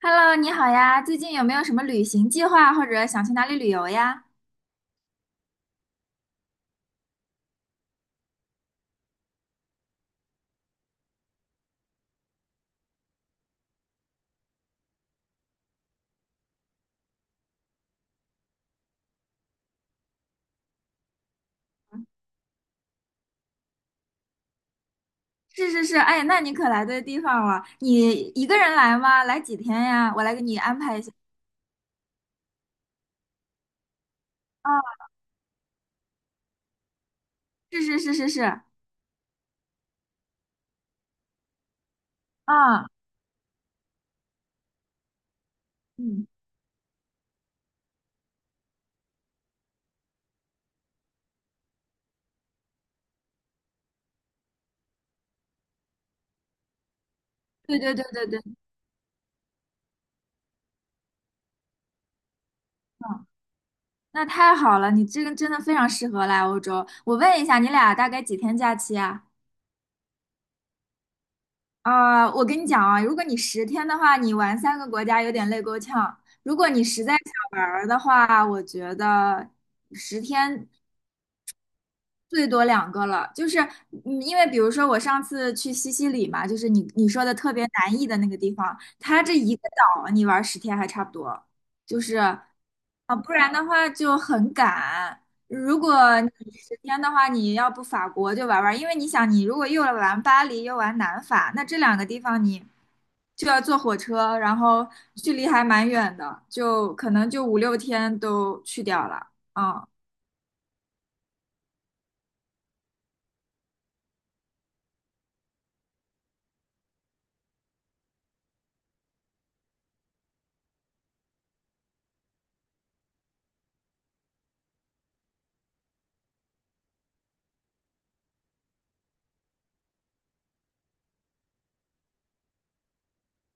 Hello，你好呀，最近有没有什么旅行计划，或者想去哪里旅游呀？是是是，哎，那你可来对地方了。你一个人来吗？来几天呀？我来给你安排一下。啊，是是是是是，啊，嗯，对对对对对，嗯，那太好了，你这个真的非常适合来欧洲。我问一下，你俩大概几天假期啊？啊，我跟你讲啊，如果你十天的话，你玩3个国家有点累够呛。如果你实在想玩儿的话，我觉得十天。最多两个了，就是因为比如说我上次去西西里嘛，就是你说的特别南意的那个地方，它这一个岛你玩十天还差不多，就是啊，不然的话就很赶。如果你十天的话，你要不法国就玩玩，因为你想，你如果又玩巴黎又玩南法，那这两个地方你就要坐火车，然后距离还蛮远的，就可能就五六天都去掉了，嗯。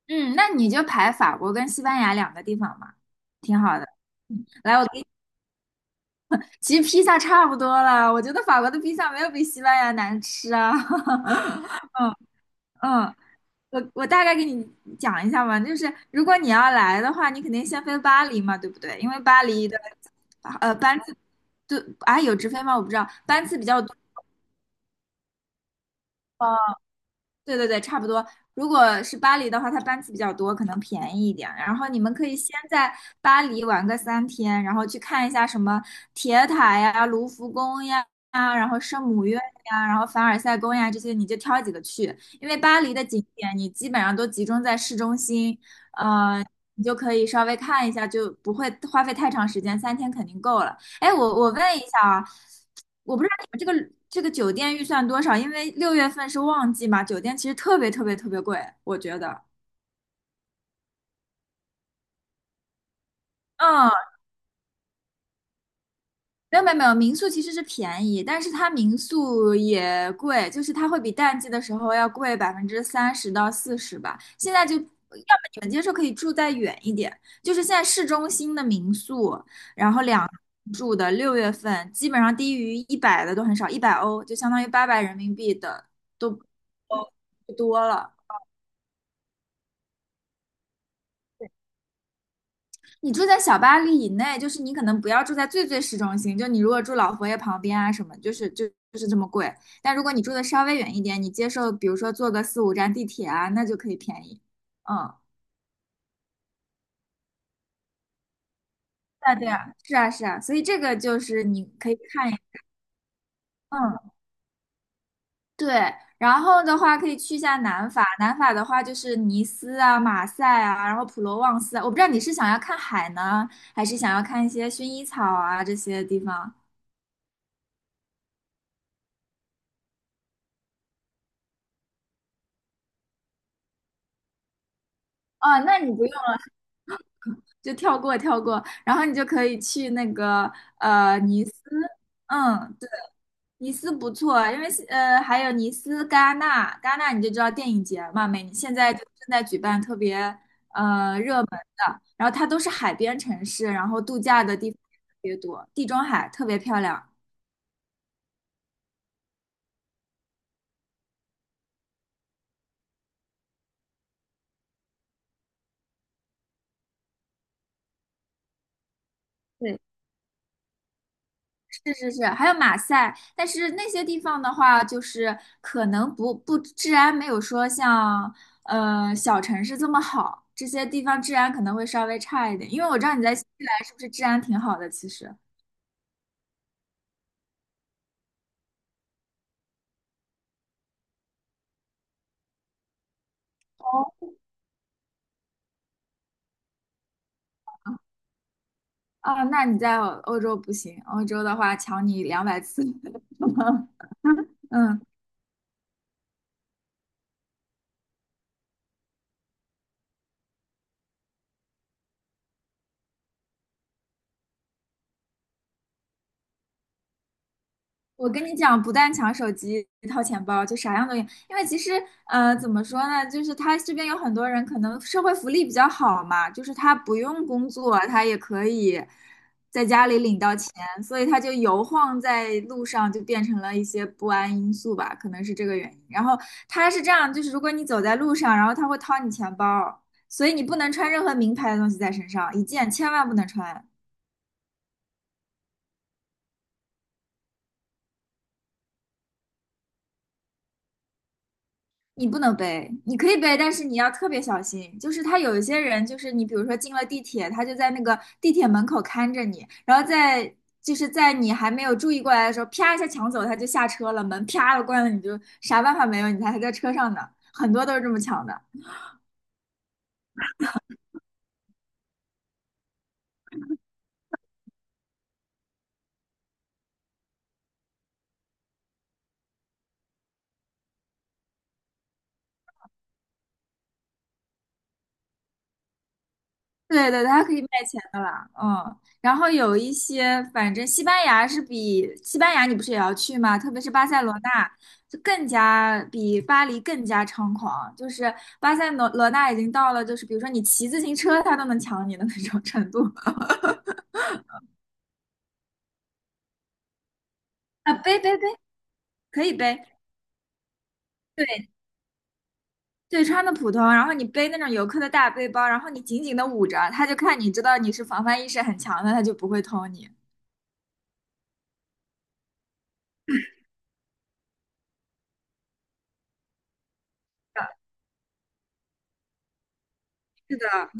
嗯，那你就排法国跟西班牙两个地方嘛，挺好的。嗯来，我给你，其实披萨差不多了，我觉得法国的披萨没有比西班牙难吃啊。嗯嗯，我大概给你讲一下吧，就是如果你要来的话，你肯定先飞巴黎嘛，对不对？因为巴黎的班次，对，啊有直飞吗？我不知道，班次比较多，对对对，差不多。如果是巴黎的话，它班次比较多，可能便宜一点。然后你们可以先在巴黎玩个三天，然后去看一下什么铁塔呀、卢浮宫呀、然后圣母院呀、然后凡尔赛宫呀这些，你就挑几个去。因为巴黎的景点你基本上都集中在市中心，呃，你就可以稍微看一下，就不会花费太长时间，三天肯定够了。哎，我问一下啊，这个酒店预算多少？因为六月份是旺季嘛，酒店其实特别特别特别贵，我觉得。嗯，没有没有没有，民宿其实是便宜，但是它民宿也贵，就是它会比淡季的时候要贵30%到40%吧。现在就要么你们接受可以住再远一点，就是现在市中心的民宿，然后住的六月份基本上低于一百的都很少，100欧就相当于800人民币的都都不多了。你住在小巴黎以内，就是你可能不要住在最最市中心，就你如果住老佛爷旁边啊什么，就是这么贵。但如果你住的稍微远一点，你接受比如说坐个四五站地铁啊，那就可以便宜。嗯，对啊对啊，是啊是啊，所以这个就是你可以看一，嗯，对。然后的话可以去一下南法，南法的话就是尼斯啊、马赛啊，然后普罗旺斯啊。我不知道你是想要看海呢，还是想要看一些薰衣草啊这些地方。哦，那你不用。就跳过跳过，然后你就可以去那个尼斯，嗯，对尼斯不错，因为还有尼斯、戛纳，戛纳你就知道电影节嘛，现在就正在举办特别热门的，然后它都是海边城市，然后度假的地方也特别多，地中海特别漂亮。对，是是是，还有马赛，但是那些地方的话，就是可能不不治安没有说像小城市这么好，这些地方治安可能会稍微差一点。因为我知道你在新西兰是不是治安挺好的？其实哦，啊，那你在欧洲不行，欧洲的话抢你200次。嗯我跟你讲，不但抢手机、掏钱包，就啥样都有。因为其实，怎么说呢，就是他这边有很多人可能社会福利比较好嘛，就是他不用工作，他也可以在家里领到钱，所以他就游晃在路上，就变成了一些不安因素吧，可能是这个原因。然后他是这样，就是如果你走在路上，然后他会掏你钱包，所以你不能穿任何名牌的东西在身上，一件千万不能穿。你不能背，你可以背，但是你要特别小心。就是他有一些人，就是你比如说进了地铁，他就在那个地铁门口看着你，然后就是在你还没有注意过来的时候，啪一下抢走，他就下车了，门啪的关了，你就啥办法没有，你还在车上呢。很多都是这么抢的。对对，它可以卖钱的啦，嗯，然后有一些，反正西班牙是比西班牙，你不是也要去吗？特别是巴塞罗那，就更加比巴黎更加猖狂，就是巴塞罗那已经到了，就是比如说你骑自行车，他都能抢你的那种程度。啊，背背背，可以背，对对，穿的普通，然后你背那种游客的大背包，然后你紧紧的捂着，他就看你知道你是防范意识很强的，他就不会偷你。是的，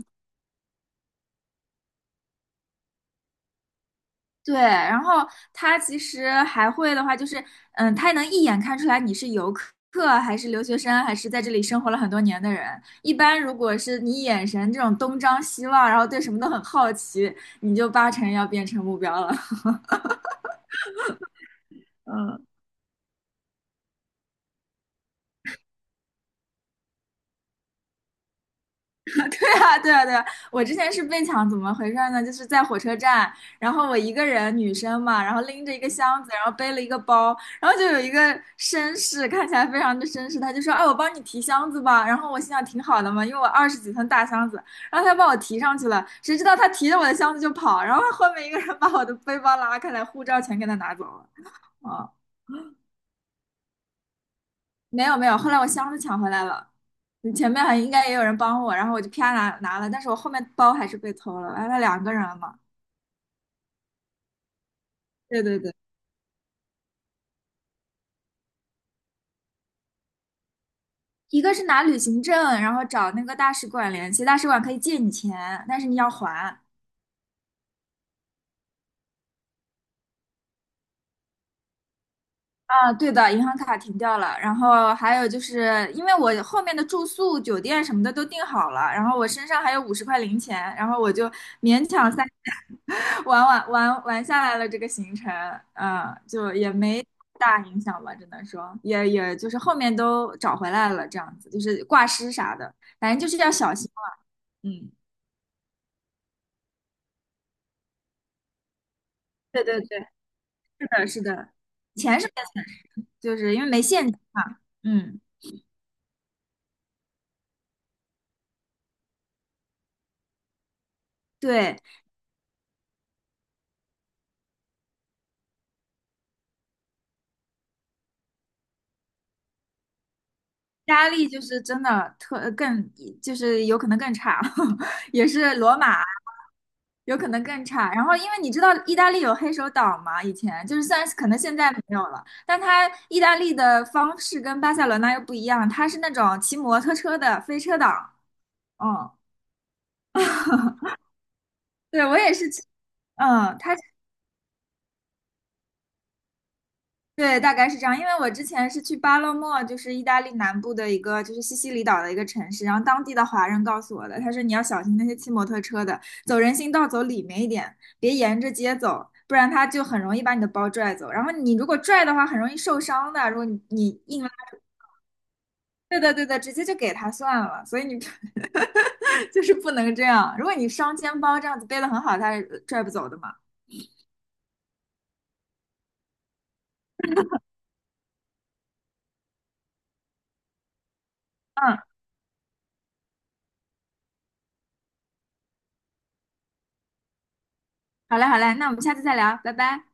对，然后他其实还会的话，就是他能一眼看出来你是游客还是留学生，还是在这里生活了很多年的人。一般如果是你眼神这种东张西望，然后对什么都很好奇，你就八成要变成目标了。对啊，对啊，对啊！我之前是被抢，怎么回事呢？就是在火车站，然后我一个人，女生嘛，然后拎着一个箱子，然后背了一个包，然后就有一个绅士，看起来非常的绅士，他就说："哎，我帮你提箱子吧。"然后我心想挺好的嘛，因为我20几寸大箱子，然后他帮我提上去了，谁知道他提着我的箱子就跑，然后后面一个人把我的背包拉开来，护照全给他拿走了。啊、没有没有，后来我箱子抢回来了，你前面还应该也有人帮我，然后我就啪拿了，但是我后面包还是被偷了，完了两个人了嘛。对对对，一个是拿旅行证，然后找那个大使馆联系，大使馆可以借你钱，但是你要还。啊，对的，银行卡停掉了，然后还有就是因为我后面的住宿、酒店什么的都订好了，然后我身上还有50块零钱，然后我就勉强玩玩下来了这个行程，嗯，就也没大影响吧，只能说也就是后面都找回来了，这样子就是挂失啥的，反正就是要小心了。嗯，对对对，是的，是的，钱是没就是因为没现金嘛，嗯，对，压力就是真的更，就是有可能更差，也是罗马有可能更差。然后，因为你知道意大利有黑手党嘛，以前就是虽然可能现在没有了，但它意大利的方式跟巴塞罗那又不一样，它是那种骑摩托车的飞车党。嗯，对，我也是骑，嗯，对，大概是这样。因为我之前是去巴勒莫，就是意大利南部的一个，就是西西里岛的一个城市。然后当地的华人告诉我的，他说你要小心那些骑摩托车的，走人行道走里面一点，别沿着街走，不然他就很容易把你的包拽走。然后你如果拽的话，很容易受伤的。如果你硬拉，对的对的，直接就给他算了。所以你 就是不能这样。如果你双肩包这样子背的很好，他是拽不走的嘛。嗯，好嘞好嘞，那我们下次再聊，拜拜。